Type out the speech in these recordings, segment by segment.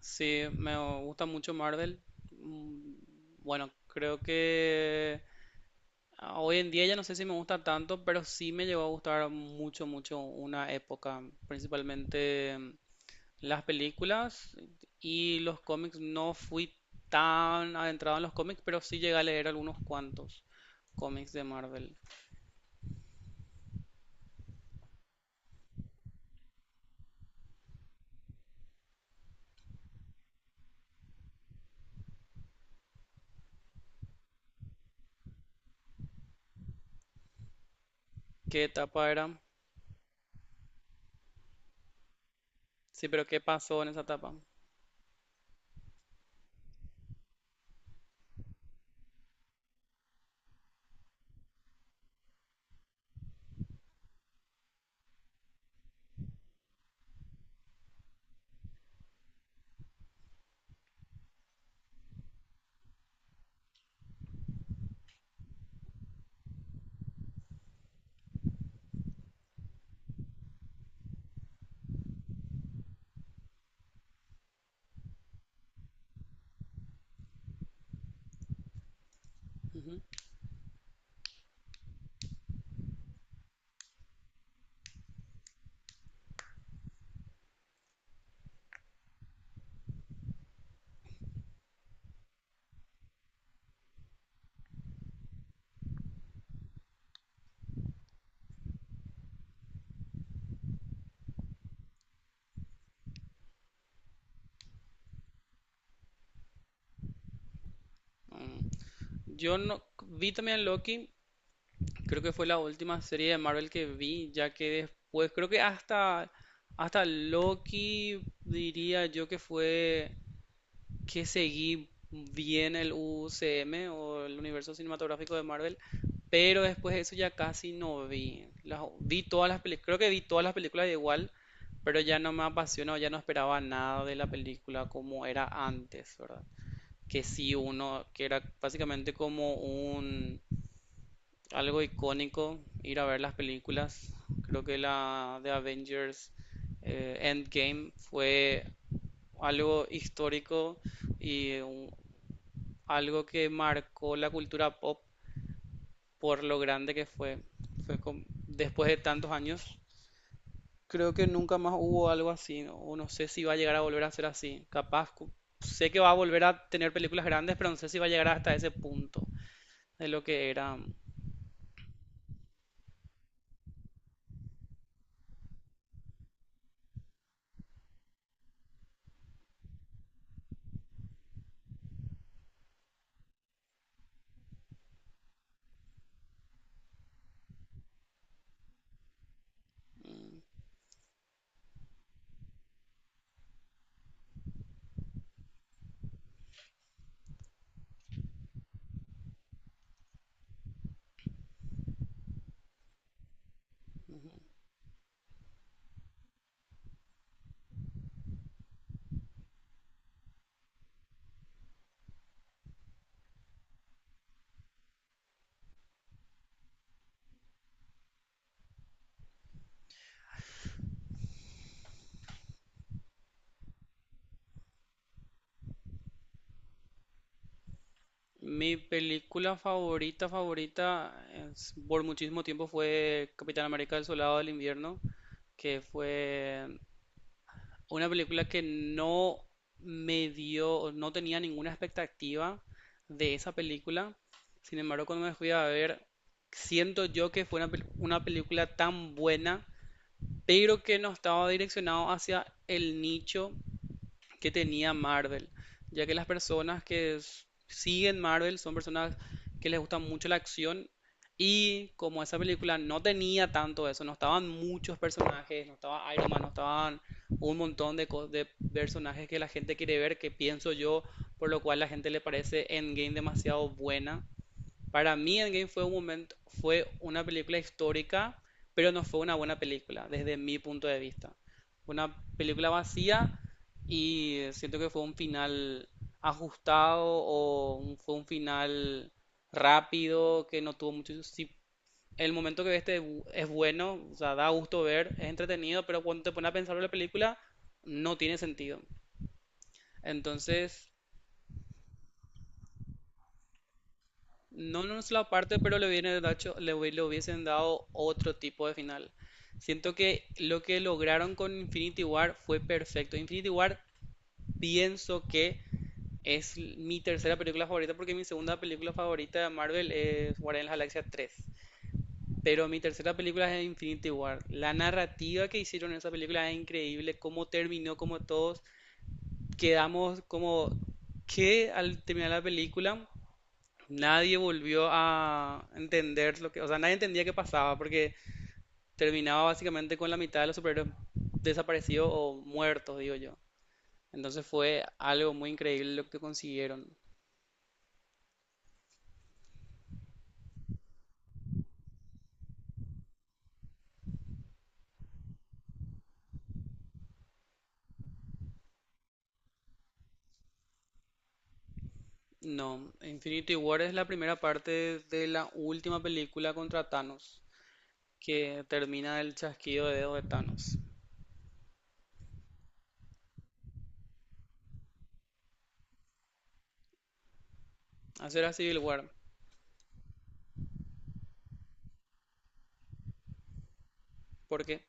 Sí, me gusta mucho Marvel. Mm, Bueno, creo que hoy en día ya no sé si me gusta tanto, pero sí me llegó a gustar mucho una época, principalmente las películas y los cómics. No fui tan adentrado en los cómics, pero sí llegué a leer algunos cuantos cómics de Marvel. ¿Qué etapa era? Sí, pero ¿qué pasó en esa etapa? Ujú. Mm. Yo no vi también Loki. Creo que fue la última serie de Marvel que vi, ya que después, creo que hasta Loki diría yo que fue que seguí bien el UCM o el universo cinematográfico de Marvel, pero después de eso ya casi no vi. Vi todas las películas, creo que vi todas las películas igual, pero ya no me apasionó, ya no esperaba nada de la película como era antes, ¿verdad? Que sí uno, que era básicamente como un algo icónico, ir a ver las películas. Creo que la de Avengers Endgame fue algo histórico y algo que marcó la cultura pop por lo grande que fue. Fue después de tantos años. Creo que nunca más hubo algo así, ¿no? O no sé si va a llegar a volver a ser así. Capaz, sé que va a volver a tener películas grandes, pero no sé si va a llegar hasta ese punto de lo que era. Mi película favorita por muchísimo tiempo fue Capitán América El Soldado del Invierno, que fue una película que no me dio, no tenía ninguna expectativa de esa película. Sin embargo, cuando me fui a ver, siento yo que fue una película tan buena, pero que no estaba direccionado hacia el nicho que tenía Marvel, ya que las personas que siguen Marvel son personas que les gusta mucho la acción, y como esa película no tenía tanto eso, no estaban muchos personajes, no estaba Iron Man, no estaban un montón de, de personajes que la gente quiere ver, que pienso yo, por lo cual la gente le parece Endgame demasiado buena. Para mí Endgame fue un momento, fue una película histórica, pero no fue una buena película, desde mi punto de vista. Una película vacía, y siento que fue un final ajustado o fue un final rápido que no tuvo mucho. Si el momento que ves es bueno, o sea, da gusto ver, es entretenido, pero cuando te pones a pensar en la película, no tiene sentido. Entonces, no, no es la parte, pero le hubiesen dado, le hubiesen dado otro tipo de final. Siento que lo que lograron con Infinity War fue perfecto. Infinity War pienso que es mi tercera película favorita, porque mi segunda película favorita de Marvel es Guardianes de la Galaxia 3. Pero mi tercera película es Infinity War. La narrativa que hicieron en esa película es increíble, cómo terminó, como todos quedamos como que al terminar la película nadie volvió a entender lo que, o sea, nadie entendía qué pasaba, porque terminaba básicamente con la mitad de los superhéroes desaparecidos o muertos, digo yo. Entonces fue algo muy increíble lo que consiguieron. No, Infinity War es la primera parte de la última película contra Thanos, que termina el chasquido de dedos de Thanos. Hacer era Civil War, porque,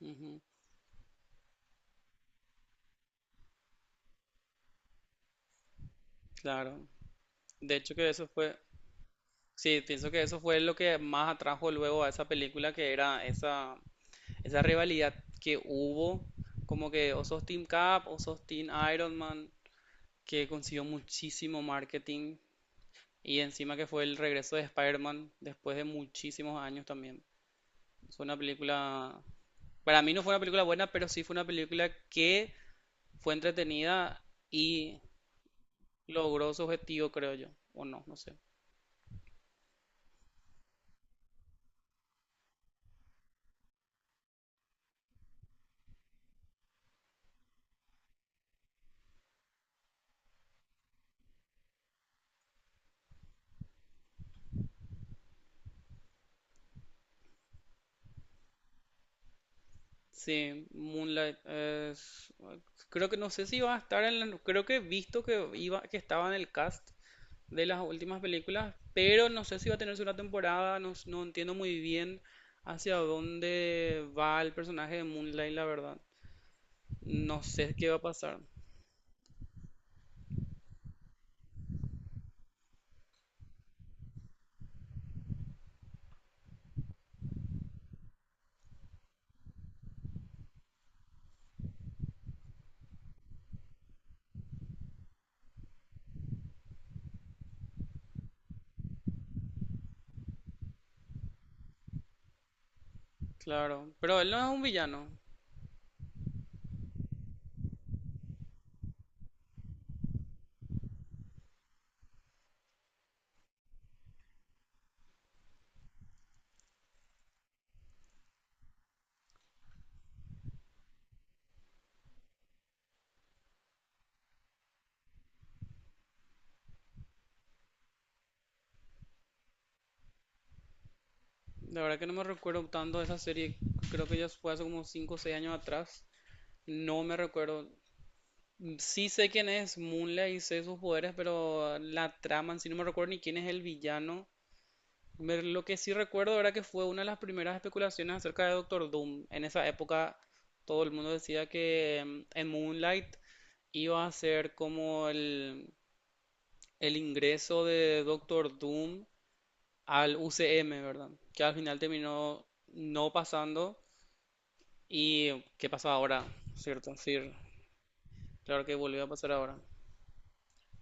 ujú, claro. De hecho que eso fue, sí, pienso que eso fue lo que más atrajo luego a esa película, que era esa esa rivalidad que hubo, como que o sos Team Cap o sos Team Iron Man, que consiguió muchísimo marketing, y encima que fue el regreso de Spider-Man después de muchísimos años también. Fue una película, para mí no fue una película buena, pero sí fue una película que fue entretenida y logró su objetivo, creo yo, o no, no sé. Sí, Moonlight creo que no sé si va a estar en la, creo que he visto que iba que estaba en el cast de las últimas películas, pero no sé si va a tener segunda temporada, no, no entiendo muy bien hacia dónde va el personaje de Moonlight, la verdad. No sé qué va a pasar, claro, pero él no es un villano. La verdad que no me recuerdo tanto de esa serie, creo que ya fue hace como 5, o 6 años atrás. No me recuerdo. Sí sé quién es Moonlight y sé sus poderes, pero la trama en sí no me recuerdo ni quién es el villano. Lo que sí recuerdo era que fue una de las primeras especulaciones acerca de Doctor Doom. En esa época todo el mundo decía que en Moonlight iba a ser como el ingreso de Doctor Doom al UCM, ¿verdad? Que al final terminó no pasando. ¿Y qué pasó ahora? ¿Cierto? Sí, claro que volvió a pasar ahora.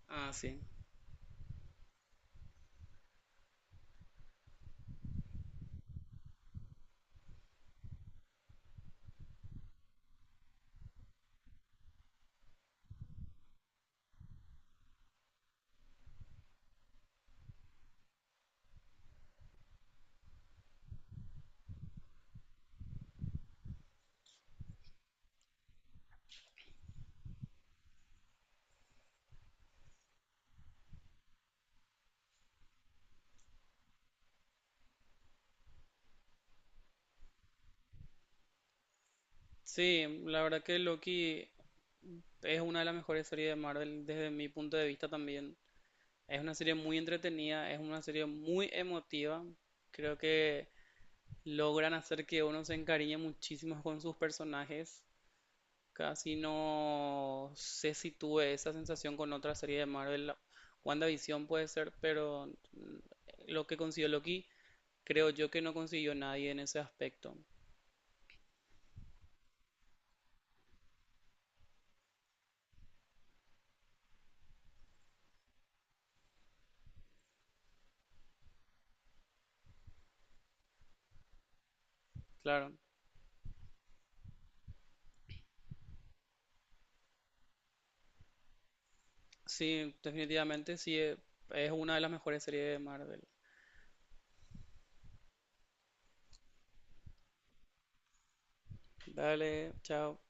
Ah, sí. Sí, la verdad que Loki es una de las mejores series de Marvel desde mi punto de vista también. Es una serie muy entretenida, es una serie muy emotiva. Creo que logran hacer que uno se encariñe muchísimo con sus personajes. Casi no sé si tuve esa sensación con otra serie de Marvel. WandaVision puede ser, pero lo que consiguió Loki, creo yo que no consiguió nadie en ese aspecto. Claro, sí, definitivamente sí, es una de las mejores series de Marvel. Dale, chao.